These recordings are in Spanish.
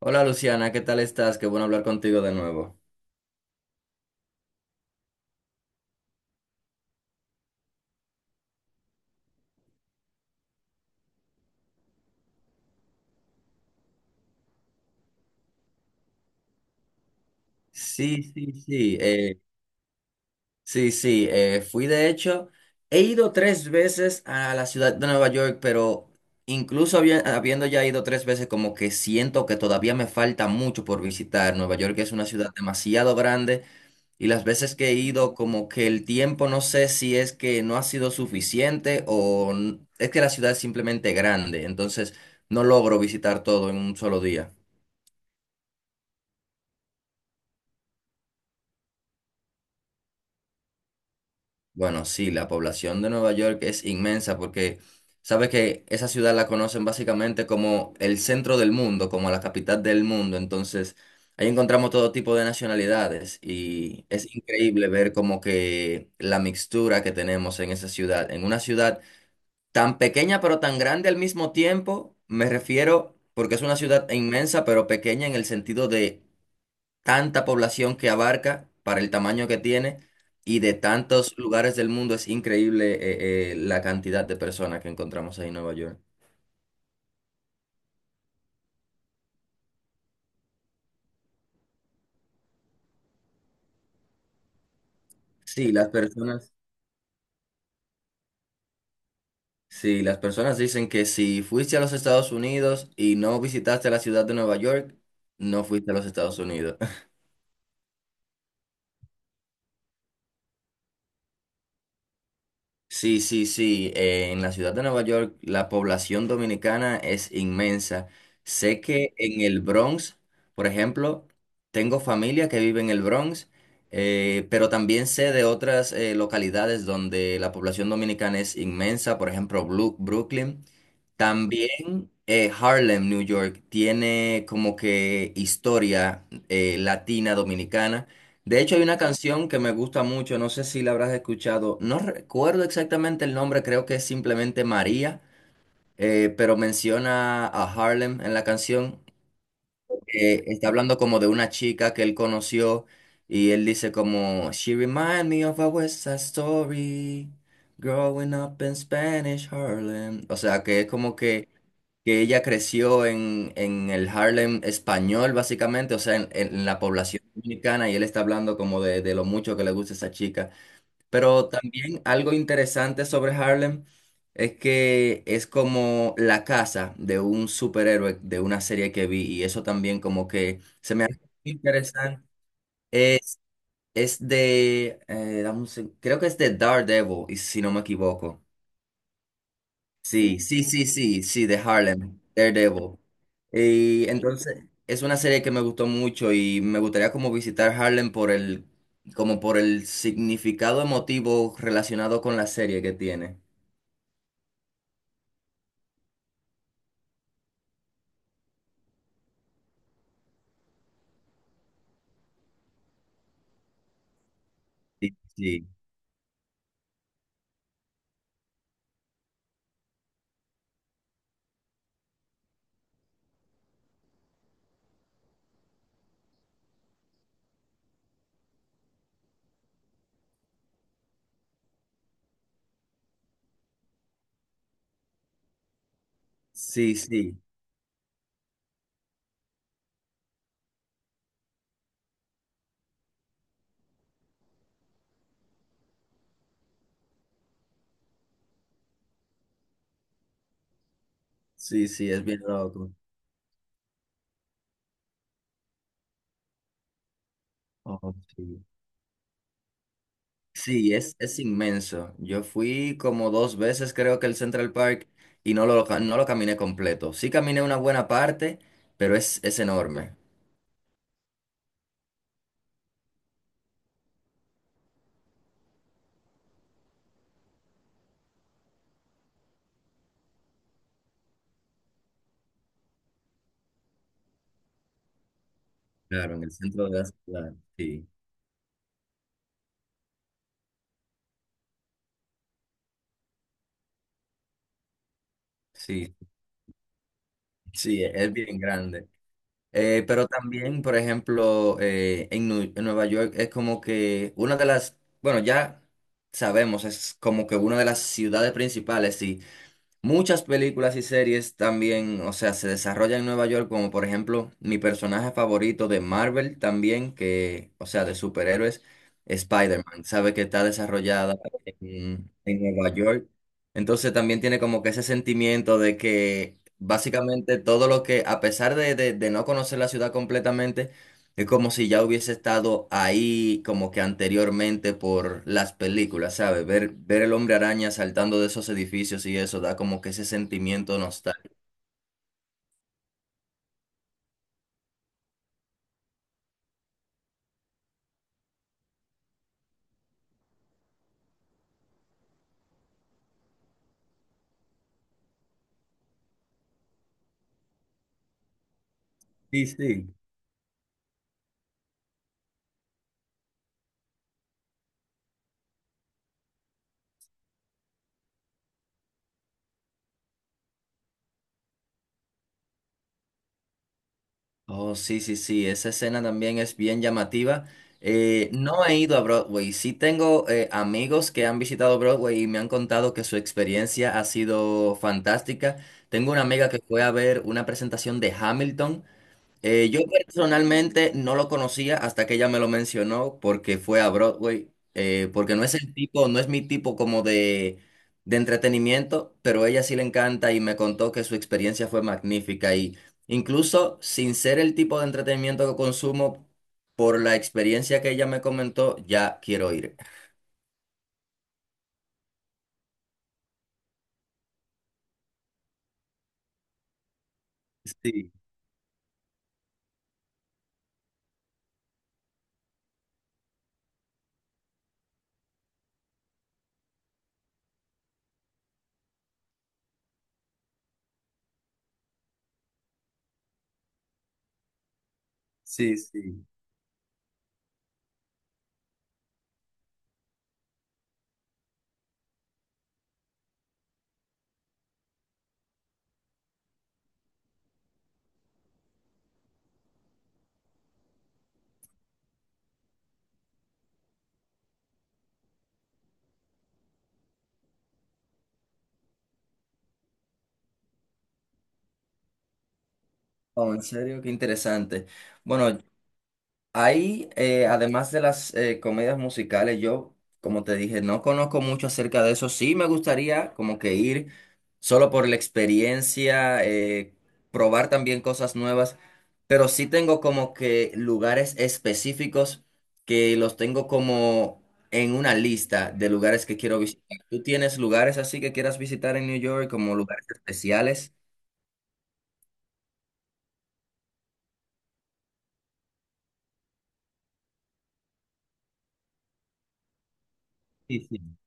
Hola Luciana, ¿qué tal estás? Qué bueno hablar contigo de nuevo. Sí, sí, sí, sí, sí, fui de hecho, he ido tres veces a la ciudad de Nueva York, pero incluso habiendo ya ido tres veces, como que siento que todavía me falta mucho por visitar. Nueva York es una ciudad demasiado grande y las veces que he ido, como que el tiempo, no sé si es que no ha sido suficiente o es que la ciudad es simplemente grande, entonces no logro visitar todo en un solo día. Bueno, sí, la población de Nueva York es inmensa porque sabes que esa ciudad la conocen básicamente como el centro del mundo, como la capital del mundo. Entonces, ahí encontramos todo tipo de nacionalidades y es increíble ver como que la mixtura que tenemos en esa ciudad, en una ciudad tan pequeña pero tan grande al mismo tiempo, me refiero porque es una ciudad inmensa pero pequeña en el sentido de tanta población que abarca para el tamaño que tiene y de tantos lugares del mundo es increíble la cantidad de personas que encontramos ahí en Nueva York. Sí, las personas, sí, las personas dicen que si fuiste a los Estados Unidos y no visitaste la ciudad de Nueva York, no fuiste a los Estados Unidos. Sí, sí, sí. En la ciudad de Nueva York la población dominicana es inmensa. Sé que en el Bronx, por ejemplo, tengo familia que vive en el Bronx, pero también sé de otras localidades donde la población dominicana es inmensa, por ejemplo, Brooklyn. También, Harlem, New York, tiene como que historia latina dominicana. De hecho, hay una canción que me gusta mucho, no sé si la habrás escuchado, no recuerdo exactamente el nombre, creo que es simplemente María, pero menciona a Harlem en la canción. Está hablando como de una chica que él conoció y él dice como, "She remind me of a West Side Story, growing up in Spanish Harlem". O sea, que es como que ella creció en el Harlem español, básicamente, o sea, en la población dominicana, y él está hablando como de lo mucho que le gusta esa chica. Pero también algo interesante sobre Harlem es que es como la casa de un superhéroe de una serie que vi, y eso también como que se me hace interesante. Creo que es de Daredevil, y si no me equivoco. Sí, sí, sí, sí, sí, de Harlem, Daredevil. Y entonces es una serie que me gustó mucho y me gustaría como visitar Harlem como por el significado emotivo relacionado con la serie que tiene. Sí, sí, sí, sí, sí, sí, es bien loco. Oh, sí. Sí, es inmenso. Yo fui como dos veces creo que el Central Park y no lo caminé completo. Sí caminé una buena parte, pero es enorme. Claro, en el centro de la ciudad, sí, sí, sí, es bien grande. Pero también, por ejemplo, en Nueva York es como que una de las, bueno, ya sabemos, es como que una de las ciudades principales, sí. Muchas películas y series también, o sea, se desarrollan en Nueva York, como por ejemplo mi personaje favorito de Marvel también, que, o sea, de superhéroes, Spider-Man, sabe que está desarrollada en Nueva York. Entonces también tiene como que ese sentimiento de que básicamente todo lo que, a pesar de no conocer la ciudad completamente, es como si ya hubiese estado ahí como que anteriormente por las películas, ¿sabes? Ver el hombre araña saltando de esos edificios y eso da como que ese sentimiento nostálgico. Sí, sí. Oh, sí, sí, sí, esa escena también es bien llamativa. No he ido a Broadway, sí tengo amigos que han visitado Broadway y me han contado que su experiencia ha sido fantástica. Tengo una amiga que fue a ver una presentación de Hamilton. Yo personalmente no lo conocía hasta que ella me lo mencionó porque fue a Broadway, porque no es el tipo, no es mi tipo como de entretenimiento, pero a ella sí le encanta y me contó que su experiencia fue magnífica y incluso sin ser el tipo de entretenimiento que consumo, por la experiencia que ella me comentó, ya quiero ir. Sí, sí, sí. Oh, en serio, qué interesante. Bueno, ahí, además de las comedias musicales, yo, como te dije, no conozco mucho acerca de eso. Sí me gustaría como que ir solo por la experiencia, probar también cosas nuevas, pero sí tengo como que lugares específicos que los tengo como en una lista de lugares que quiero visitar. ¿Tú tienes lugares así que quieras visitar en New York como lugares especiales? Sí, sí.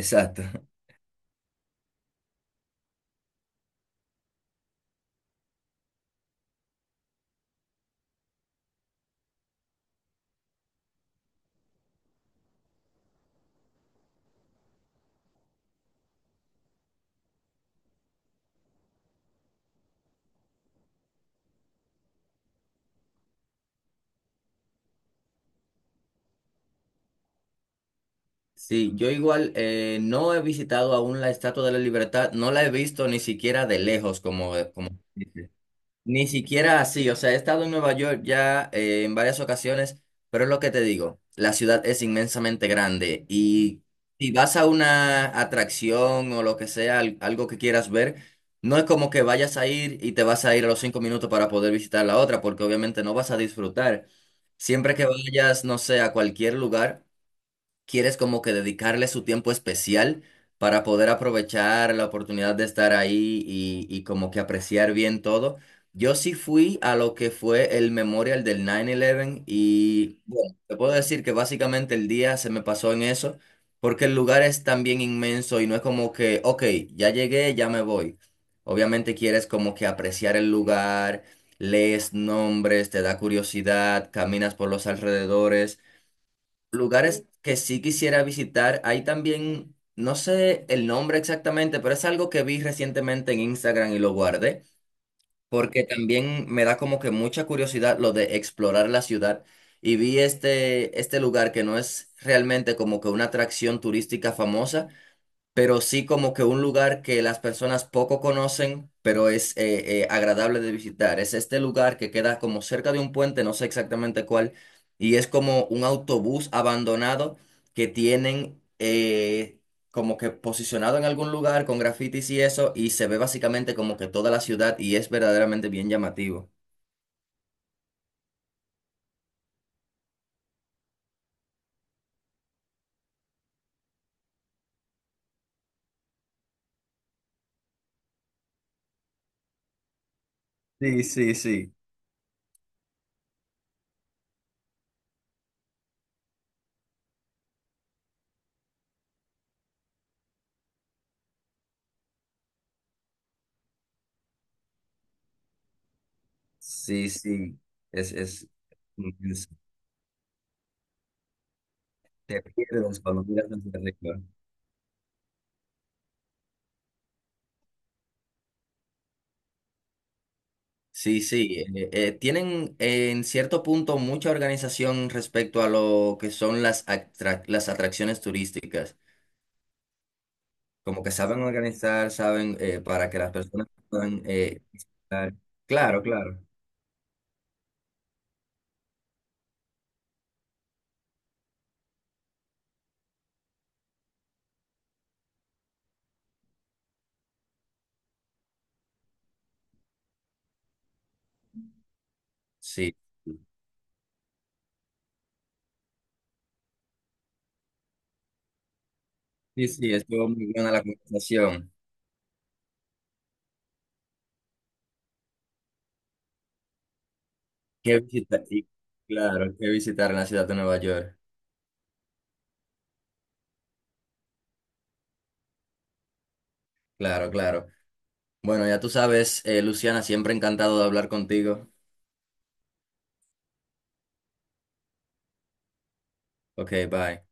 Exacto. Sí, yo igual no he visitado aún la Estatua de la Libertad, no la he visto ni siquiera de lejos, como, como dice. Ni siquiera así, o sea, he estado en Nueva York ya en varias ocasiones, pero es lo que te digo, la ciudad es inmensamente grande y si vas a una atracción o lo que sea, algo que quieras ver, no es como que vayas a ir y te vas a ir a los 5 minutos para poder visitar la otra, porque obviamente no vas a disfrutar. Siempre que vayas, no sé, a cualquier lugar quieres como que dedicarle su tiempo especial para poder aprovechar la oportunidad de estar ahí y como que apreciar bien todo. Yo sí fui a lo que fue el memorial del 9-11 y bueno, te puedo decir que básicamente el día se me pasó en eso porque el lugar es también inmenso y no es como que, ok, ya llegué, ya me voy. Obviamente quieres como que apreciar el lugar, lees nombres, te da curiosidad, caminas por los alrededores. Lugares que sí quisiera visitar. Hay también, no sé el nombre exactamente, pero es algo que vi recientemente en Instagram y lo guardé, porque también me da como que mucha curiosidad lo de explorar la ciudad. Y vi este lugar que no es realmente como que una atracción turística famosa, pero sí como que un lugar que las personas poco conocen, pero es agradable de visitar. Es este lugar que queda como cerca de un puente, no sé exactamente cuál, y es como un autobús abandonado que tienen como que posicionado en algún lugar con grafitis y eso, y se ve básicamente como que toda la ciudad y es verdaderamente bien llamativo. Sí, sí, sí. Sí, sí, es, es, te pierdes cuando miras desde arriba. Sí, sí, tienen en cierto punto mucha organización respecto a lo que son las atracciones turísticas, como que saben organizar, saben para que las personas puedan visitar. Claro, claro, sí, sí, sí, estuvo muy buena la conversación. ¿Qué visitar? Y, claro, qué visitar en la ciudad de Nueva York, claro, claro. Bueno, ya tú sabes, Luciana, siempre encantado de hablar contigo. Ok, bye.